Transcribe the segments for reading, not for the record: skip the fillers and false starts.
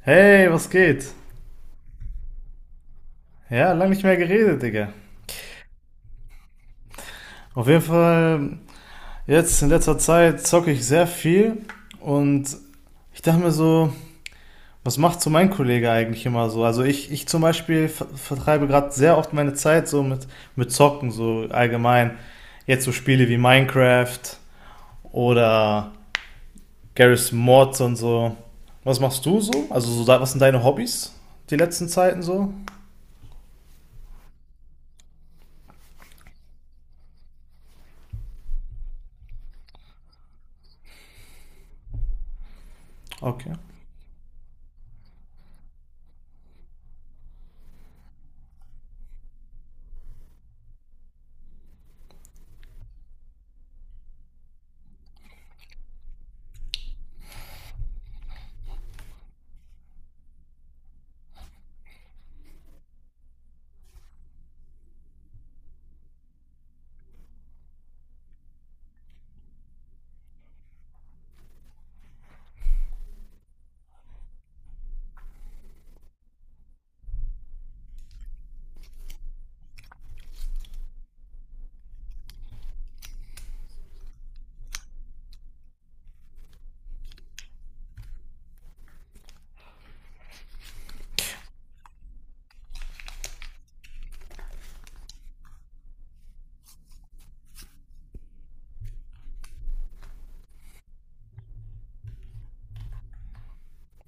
Hey, was geht? Ja, lange nicht mehr geredet, Digga. Auf jeden Fall, jetzt in letzter Zeit zocke ich sehr viel und ich dachte mir so, was macht so mein Kollege eigentlich immer so? Also ich zum Beispiel vertreibe gerade sehr oft meine Zeit so mit Zocken, so allgemein. Jetzt so Spiele wie Minecraft oder Garry's Mods und so. Was machst du so? Also so, was sind deine Hobbys die letzten Zeiten so? Okay.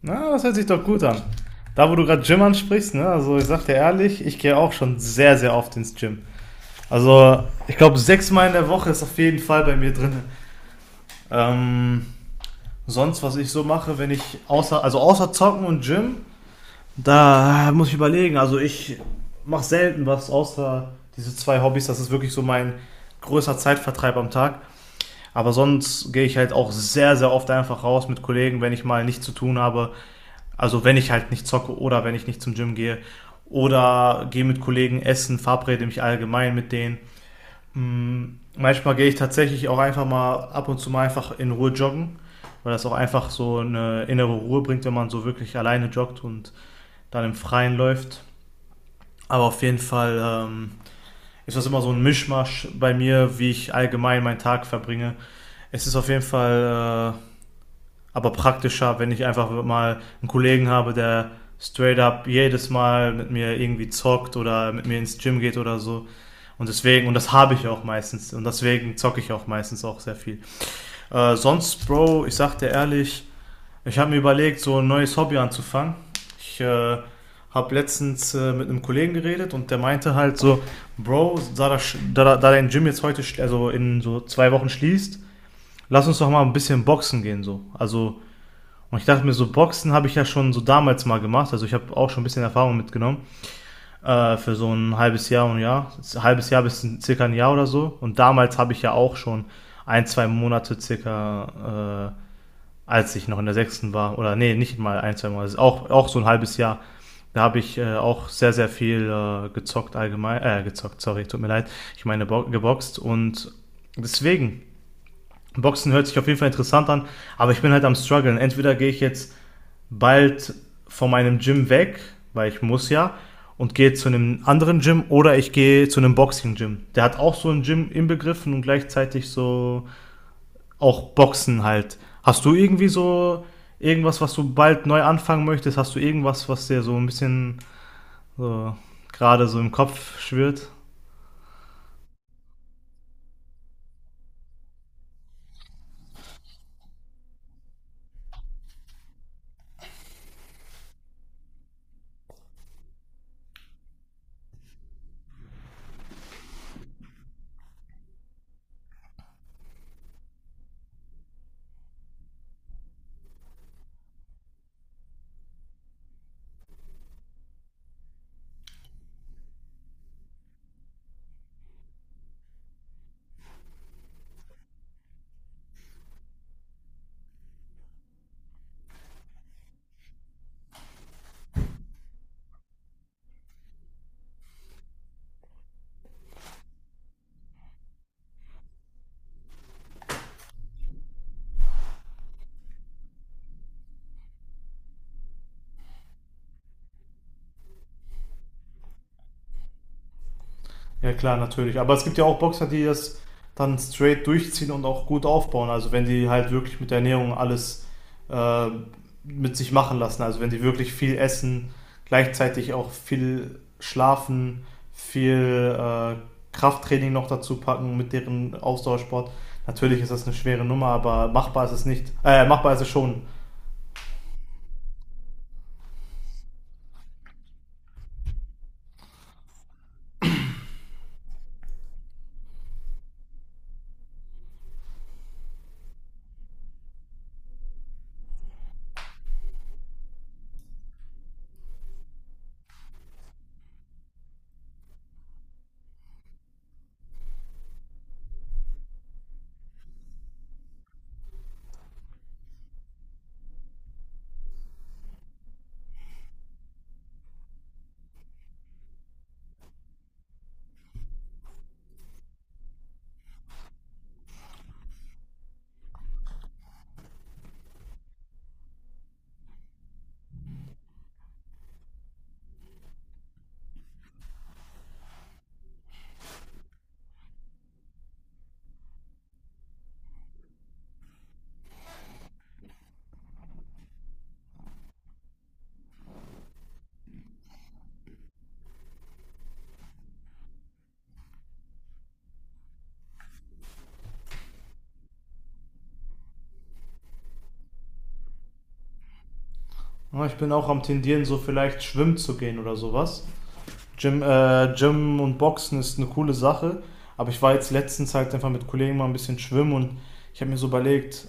Na, das hört sich doch gut an. Da, wo du gerade Gym ansprichst, ne? Also ich sag dir ehrlich, ich gehe auch schon sehr, sehr oft ins Gym. Also ich glaube, sechsmal in der Woche ist auf jeden Fall bei mir drin. Ähm, sonst, was ich so mache, wenn ich außer, also außer Zocken und Gym, da muss ich überlegen. Also ich mache selten was außer diese zwei Hobbys. Das ist wirklich so mein größter Zeitvertreib am Tag. Aber sonst gehe ich halt auch sehr, sehr oft einfach raus mit Kollegen, wenn ich mal nichts zu tun habe. Also wenn ich halt nicht zocke oder wenn ich nicht zum Gym gehe oder gehe mit Kollegen essen, verabrede mich allgemein mit denen. Hm, manchmal gehe ich tatsächlich auch einfach mal ab und zu mal einfach in Ruhe joggen, weil das auch einfach so eine innere Ruhe bringt, wenn man so wirklich alleine joggt und dann im Freien läuft. Aber auf jeden Fall ist das immer so ein Mischmasch bei mir, wie ich allgemein meinen Tag verbringe. Es ist auf jeden Fall aber praktischer, wenn ich einfach mal einen Kollegen habe, der straight up jedes Mal mit mir irgendwie zockt oder mit mir ins Gym geht oder so. Und deswegen, und das habe ich auch meistens, und deswegen zocke ich auch meistens auch sehr viel. Sonst, Bro, ich sag dir ehrlich, ich habe mir überlegt, so ein neues Hobby anzufangen. Ich habe letztens mit einem Kollegen geredet und der meinte halt so, Bro, da, das, da, da dein Gym jetzt heute, also in so 2 Wochen schließt, lass uns doch mal ein bisschen boxen gehen so. Also und ich dachte mir, so Boxen habe ich ja schon so damals mal gemacht. Also ich habe auch schon ein bisschen Erfahrung mitgenommen. Für so ein halbes Jahr und ein Jahr. Ein halbes Jahr bis ein, circa ein Jahr oder so. Und damals habe ich ja auch schon ein, zwei Monate circa, als ich noch in der sechsten war. Oder nee, nicht mal ein, zwei Monate. Also auch so ein halbes Jahr. Da habe ich auch sehr, sehr viel gezockt allgemein. Gezockt, sorry, tut mir leid. Ich meine bo geboxt. Und deswegen, Boxen hört sich auf jeden Fall interessant an. Aber ich bin halt am struggeln. Entweder gehe ich jetzt bald von meinem Gym weg, weil ich muss ja, und gehe zu einem anderen Gym oder ich gehe zu einem Boxing-Gym. Der hat auch so ein Gym inbegriffen und gleichzeitig so auch Boxen halt. Hast du irgendwie so irgendwas, was du bald neu anfangen möchtest? Hast du irgendwas, was dir so ein bisschen so gerade so im Kopf schwirrt? Ja, klar, natürlich. Aber es gibt ja auch Boxer, die das dann straight durchziehen und auch gut aufbauen. Also wenn die halt wirklich mit der Ernährung alles äh, mit sich machen lassen. Also wenn die wirklich viel essen, gleichzeitig auch viel schlafen, viel Krafttraining noch dazu packen mit deren Ausdauersport. Natürlich ist das eine schwere Nummer, aber machbar ist es nicht. Machbar ist es schon. Ja, ich bin auch am tendieren, so vielleicht schwimmen zu gehen oder sowas. Gym, Gym und Boxen ist eine coole Sache, aber ich war jetzt letztens halt einfach mit Kollegen mal ein bisschen schwimmen und ich habe mir so überlegt,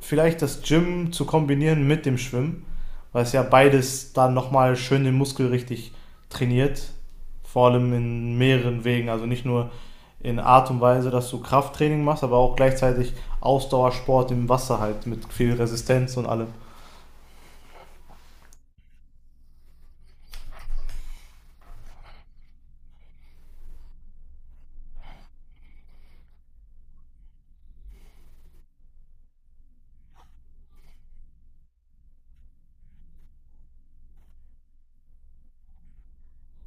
vielleicht das Gym zu kombinieren mit dem Schwimmen, weil es ja beides dann nochmal schön den Muskel richtig trainiert, vor allem in mehreren Wegen, also nicht nur in Art und Weise, dass du Krafttraining machst, aber auch gleichzeitig Ausdauersport im Wasser halt mit viel Resistenz und allem.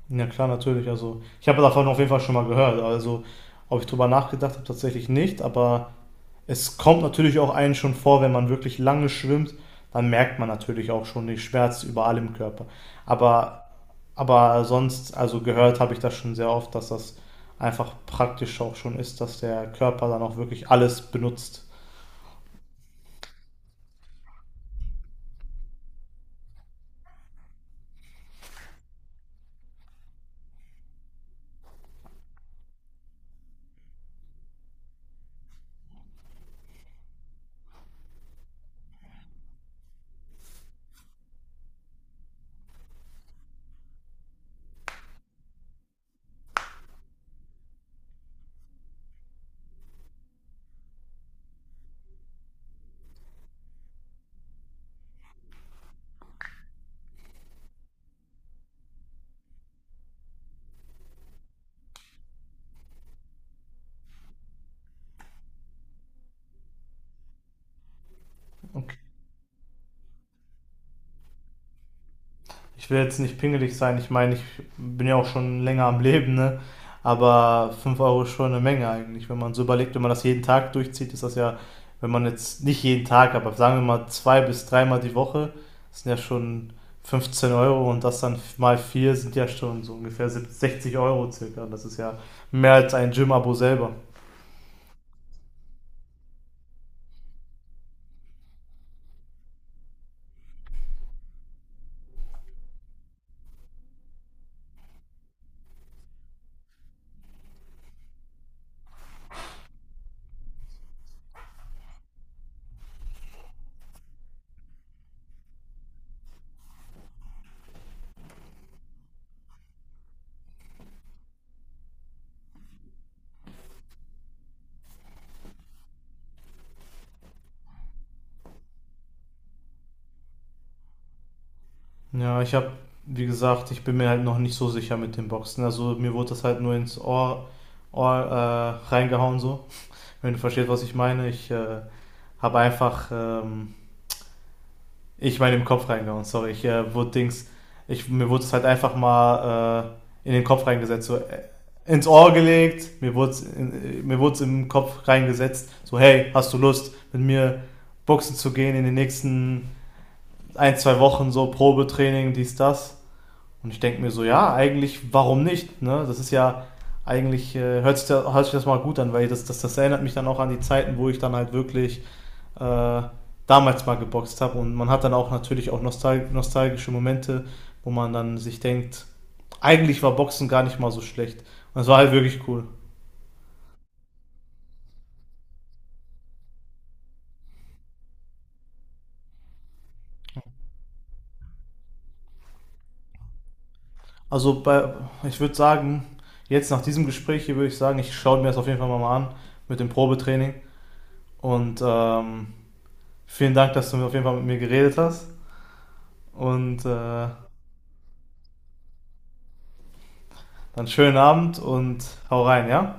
Ja, klar, natürlich. Also, ich habe davon auf jeden Fall schon mal gehört. Also, ob ich drüber nachgedacht habe, tatsächlich nicht. Aber es kommt natürlich auch einen schon vor, wenn man wirklich lange schwimmt, dann merkt man natürlich auch schon den Schmerz überall im Körper. Aber, aber sonst, also gehört habe ich das schon sehr oft, dass das einfach praktisch auch schon ist, dass der Körper dann auch wirklich alles benutzt. Ich will jetzt nicht pingelig sein, ich meine, ich bin ja auch schon länger am Leben, ne? Aber 5 Euro ist schon eine Menge eigentlich. Wenn man so überlegt, wenn man das jeden Tag durchzieht, ist das ja, wenn man jetzt nicht jeden Tag, aber sagen wir mal zwei bis dreimal die Woche, das sind ja schon 15 Euro und das dann mal vier sind ja schon so ungefähr 60 Euro circa. Das ist ja mehr als ein Gym-Abo selber. Ja, ich habe, wie gesagt, ich bin mir halt noch nicht so sicher mit dem Boxen. Also mir wurde das halt nur ins Ohr reingehauen so. Wenn du verstehst, was ich meine, ich habe einfach, ich meine im Kopf reingehauen, sorry, ich wurde Dings, mir wurde es halt einfach mal in den Kopf reingesetzt, so ins Ohr gelegt, mir wurde es im Kopf reingesetzt, so hey, hast du Lust mit mir boxen zu gehen in den nächsten ein, zwei Wochen, so Probetraining, dies, das. Und ich denke mir so, ja, eigentlich, warum nicht? Ne? Das ist ja eigentlich, hört sich das mal gut an, weil das erinnert mich dann auch an die Zeiten, wo ich dann halt wirklich äh, damals mal geboxt habe. Und man hat dann auch natürlich auch nostalgische Momente, wo man dann sich denkt, eigentlich war Boxen gar nicht mal so schlecht. Und es war halt wirklich cool. Also ich würde sagen, jetzt nach diesem Gespräch hier würde ich sagen, ich schaue mir das auf jeden Fall mal an mit dem Probetraining. Und vielen Dank, dass du auf jeden Fall mit mir geredet hast. Und dann schönen Abend und hau rein, ja?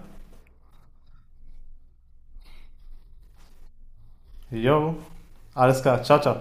Jo, alles klar, ciao, ciao.